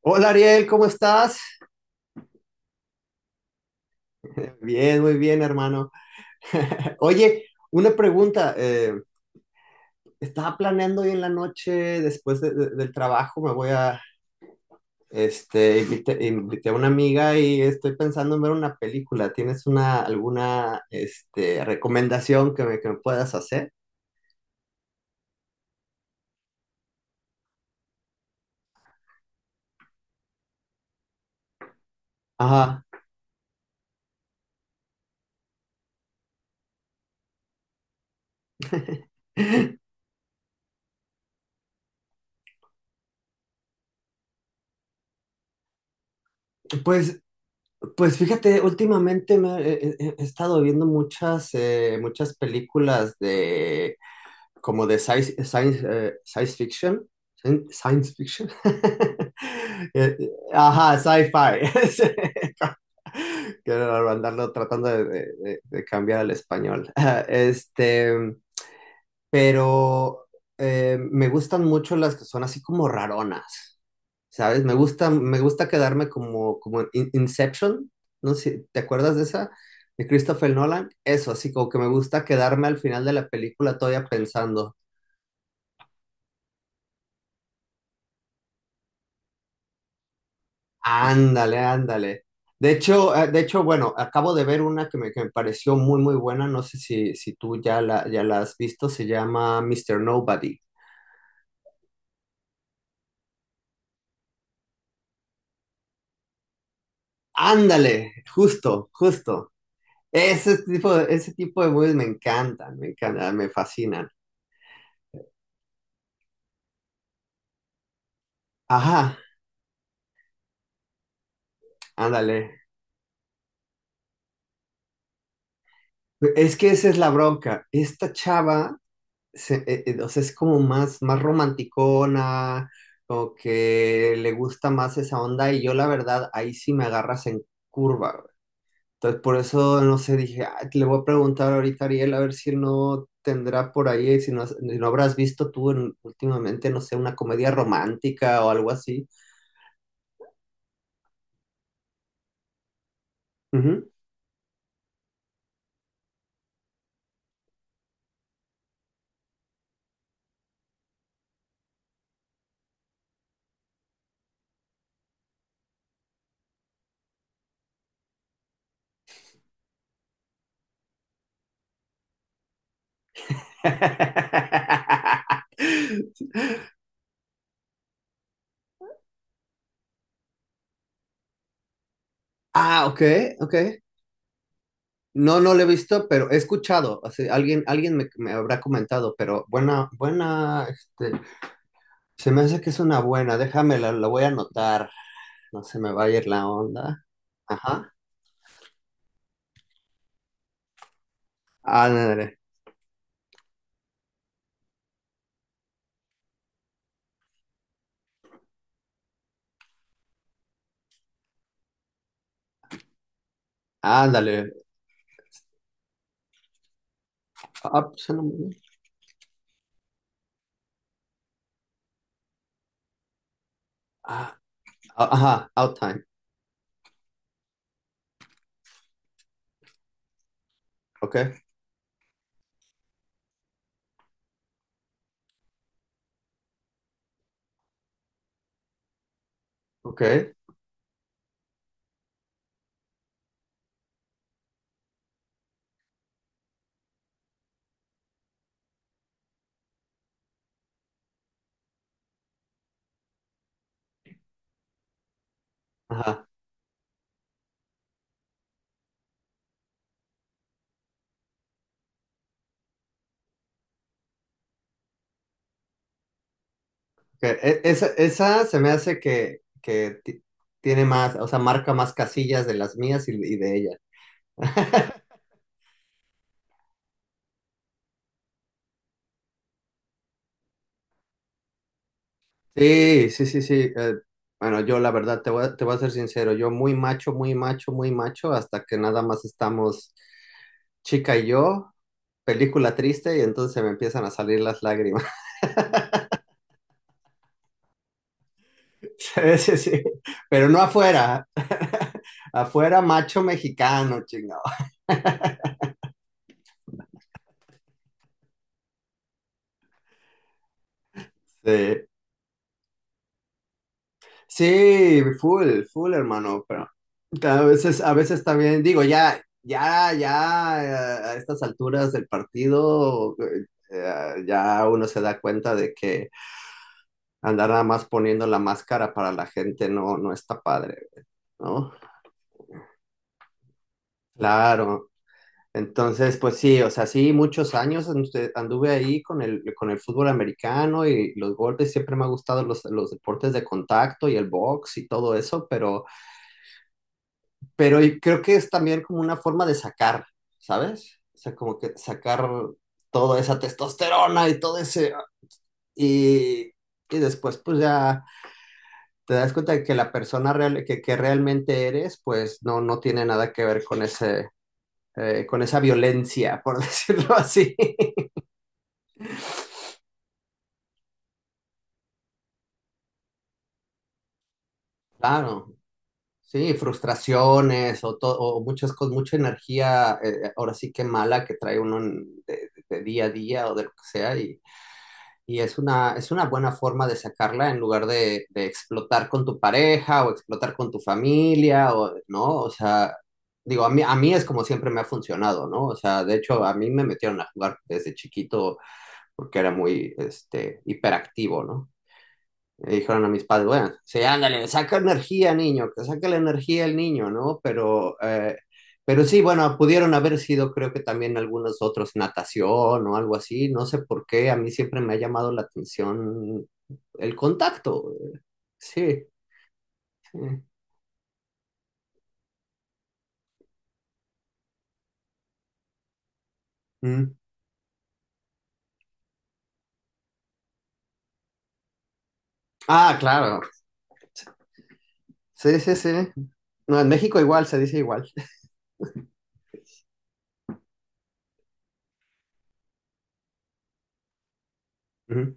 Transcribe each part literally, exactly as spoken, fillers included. Hola Ariel, ¿cómo estás? Bien, muy bien, hermano. Oye, una pregunta. Eh, estaba planeando hoy en la noche, después de- de- del trabajo, me voy a, este, invité, invité a una amiga y estoy pensando en ver una película. ¿Tienes una, alguna, este, recomendación que me, que me puedas hacer? Ajá. Pues, pues fíjate, últimamente me, he, he- he estado viendo muchas, eh, muchas películas de como de science, science, eh, science fiction. Science fiction. Ajá, sci-fi. Quiero andarlo tratando de, de- de- de cambiar al español. Este, pero eh, me gustan mucho las que son así como raronas, ¿sabes? Me gusta, me gusta quedarme como, como en Inception, no sé, ¿te acuerdas de esa? De Christopher Nolan. Eso, así como que me gusta quedarme al final de la película todavía pensando. Ándale, ándale. De hecho, eh, de hecho, bueno, acabo de ver una que me, que me pareció muy, muy buena. No sé si, si tú ya la, ya la has visto. Se llama Mister Nobody. Ándale, justo, justo. Ese tipo de, ese tipo de movies me encantan, me encantan, me fascinan. Ajá, ándale. Es que esa es la bronca. Esta chava se- eh, eh, o sea, es como más, más romanticona, como que le gusta más esa onda, y yo la verdad, ahí sí me agarras en curva, güey. Entonces, por eso, no sé, dije, "Ah, le voy a preguntar ahorita a Ariel a ver si no tendrá por ahí, si no, has- si no habrás visto tú en- últimamente, no sé, una comedia romántica o algo así. Ujú. Ah, ok, ok. No, no lo he visto, pero he escuchado. Así, alguien, alguien me, me habrá comentado, pero buena, buena, este, se me hace que es una buena. Déjame, la, la voy a anotar. No se me va a ir la onda. Ajá. Ándale, ándale. Ah, pues, suena muy bien. Ah, ah, ajá, out time. Ok, ok. Ajá. Ok. E- Esa, esa se me hace que, que ti- tiene más, o sea, marca más casillas de las mías y, y de ella. Sí, sí, sí, sí. eh, bueno, yo la verdad te voy a, te voy a ser sincero, yo muy macho, muy macho, muy macho, hasta que nada más estamos chica y yo, película triste, y entonces me empiezan a salir las lágrimas. Sí, sí, sí. Pero no afuera. Afuera, macho mexicano, chingado. Sí. Sí, full, full, hermano, pero a veces, a veces también digo, ya, ya, ya, eh, a estas alturas del partido, eh, eh, ya uno se da cuenta de que andar nada más poniendo la máscara para la gente no, no está padre, ¿no? Claro. Entonces, pues sí, o sea, sí, muchos años andu- anduve ahí con el, con el fútbol americano y los golpes, siempre me ha gustado los, los deportes de contacto y el box y todo eso, pero... pero creo que es también como una forma de sacar, ¿sabes? O sea, como que sacar toda esa testosterona y todo ese... Y, y después pues ya te das cuenta de que la persona real, que, que realmente eres, pues no, no tiene nada que ver con ese... Eh, con esa violencia, por decirlo así. Claro, sí, frustraciones o, to- o muchas cosas, mucha energía, eh, ahora sí que mala que trae uno en, de, de, día a día o de lo que sea, y, Y es una, es una buena forma de sacarla en lugar de, de explotar con tu pareja o explotar con tu familia, o, ¿no? O sea, digo, a mí, a mí es como siempre me ha funcionado, ¿no? O sea, de hecho, a mí me metieron a jugar desde chiquito porque era muy, este, hiperactivo, ¿no? Le dijeron a mis padres, bueno, sí, ándale, saca energía, niño, que saca la energía el niño, ¿no? Pero, eh, pero sí, bueno, pudieron haber sido, creo que también algunos otros, natación o algo así, no sé por qué, a mí siempre me ha llamado la atención el contacto, eh, sí, sí. Mm. Ah, claro, sí, sí, sí. No, en México igual, se dice igual. Ujú.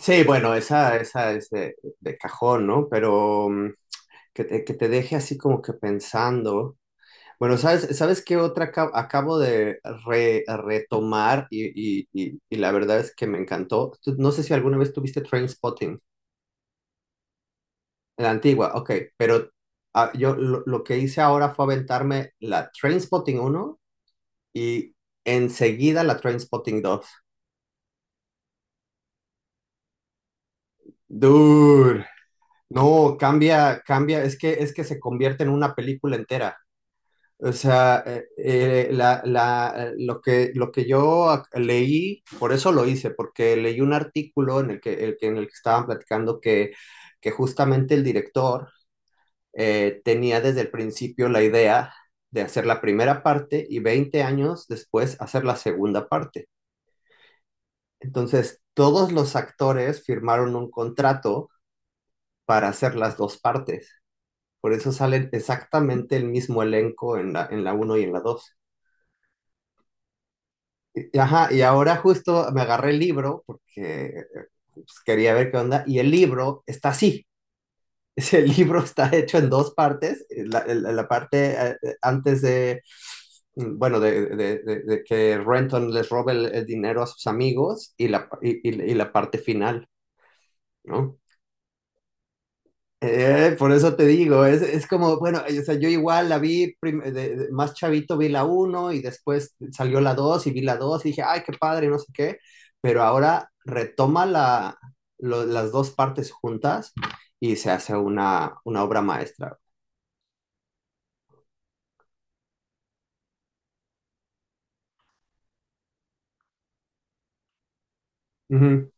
Sí, bueno, esa, esa es de, de cajón, ¿no? Pero mm, que te, que te deje así como que pensando. Bueno, ¿sabes, sabes qué otra acab- acabo de re- retomar y, y- y- y la verdad es que me encantó? Tú- No sé si alguna vez tuviste Trainspotting, la antigua, ok, pero ah, yo lo, lo que hice ahora fue aventarme la Trainspotting uno y enseguida la Trainspotting dos. Dude, no, cambia, cambia, es que, es que se convierte en una película entera. O sea, eh, eh, la- la- lo que, lo que yo ac- leí, por eso lo hice, porque leí un artículo en el que, el que- en el que estaban platicando que, que justamente el director eh, tenía desde el principio la idea de hacer la primera parte y veinte años después hacer la segunda parte. Entonces, todos los actores firmaron un contrato para hacer las dos partes. Por eso salen exactamente el mismo elenco en la, en la uno y en la dos. Y- Ajá, y ahora justo me agarré el libro porque pues, quería ver qué onda, y el libro está así. Es el libro está hecho en dos partes. La, la la parte eh, eh, antes de, mm, bueno, de, de- de- de que Renton les robe el, el dinero a sus amigos y la, y, y- y la parte final, ¿no? Eh, por eso te digo, es, es como, bueno, eh, o sea, yo igual la vi prim- eh, de- de- más chavito, vi la uno y después salió la dos y vi la dos y dije, ay, qué padre, no sé qué, pero ahora retoma la, lo- las dos partes juntas y se hace una, una obra maestra. Ujú.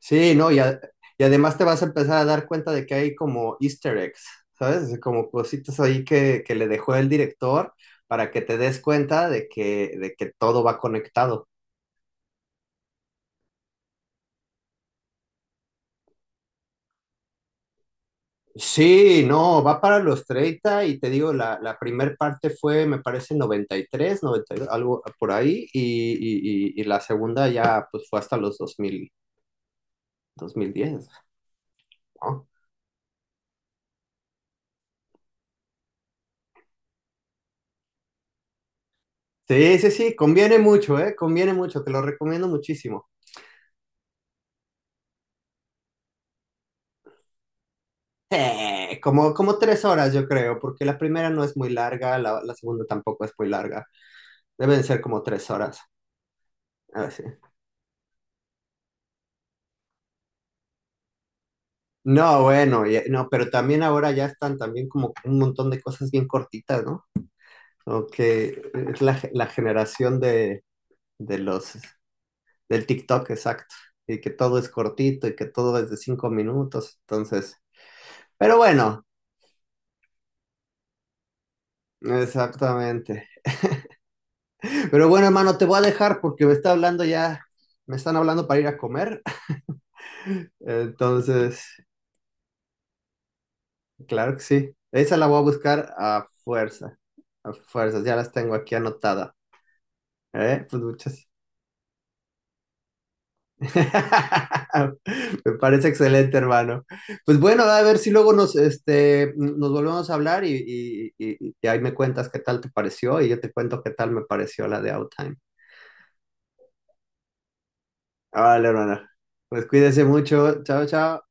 Sí, no, y, a- y además te vas a empezar a dar cuenta de que hay como easter eggs, ¿sabes? Como cositas ahí que, que le dejó el director para que te des cuenta de que, de que todo va conectado. Sí, no, va para los treinta y te digo, la, la primer parte fue, me parece, noventa y tres, noventa y dos, algo por ahí, y, y, y, y la segunda ya pues fue hasta los dos dos mil dos mil diez, ¿no? Sí, sí, sí, conviene mucho, ¿eh? Conviene mucho, te lo recomiendo muchísimo. Eh, como, como tres horas, yo creo, porque la primera no es muy larga, la, la segunda tampoco es muy larga, deben ser como tres horas. Ah, sí. No, bueno, y- no, pero también ahora ya están también como un montón de cosas bien cortitas, ¿no? Ok, es la, ge- la generación de, de los, del TikTok, exacto. Y que todo es cortito y que todo es de cinco minutos, entonces. Pero bueno, exactamente. Pero bueno, hermano, te voy a dejar porque me está hablando ya, me están hablando para ir a comer. Entonces, claro que sí. Esa la voy a buscar a fuerza, a fuerzas, ya las tengo aquí anotada. ¿Eh? Pues muchas. Me parece excelente, hermano. Pues bueno, a ver si luego nos, este, nos volvemos a hablar y, y- y- y ahí me cuentas qué tal te pareció y yo te cuento qué tal me pareció la de Outtime. Ah, vale, hermano. Pues cuídese mucho. Chao, chao.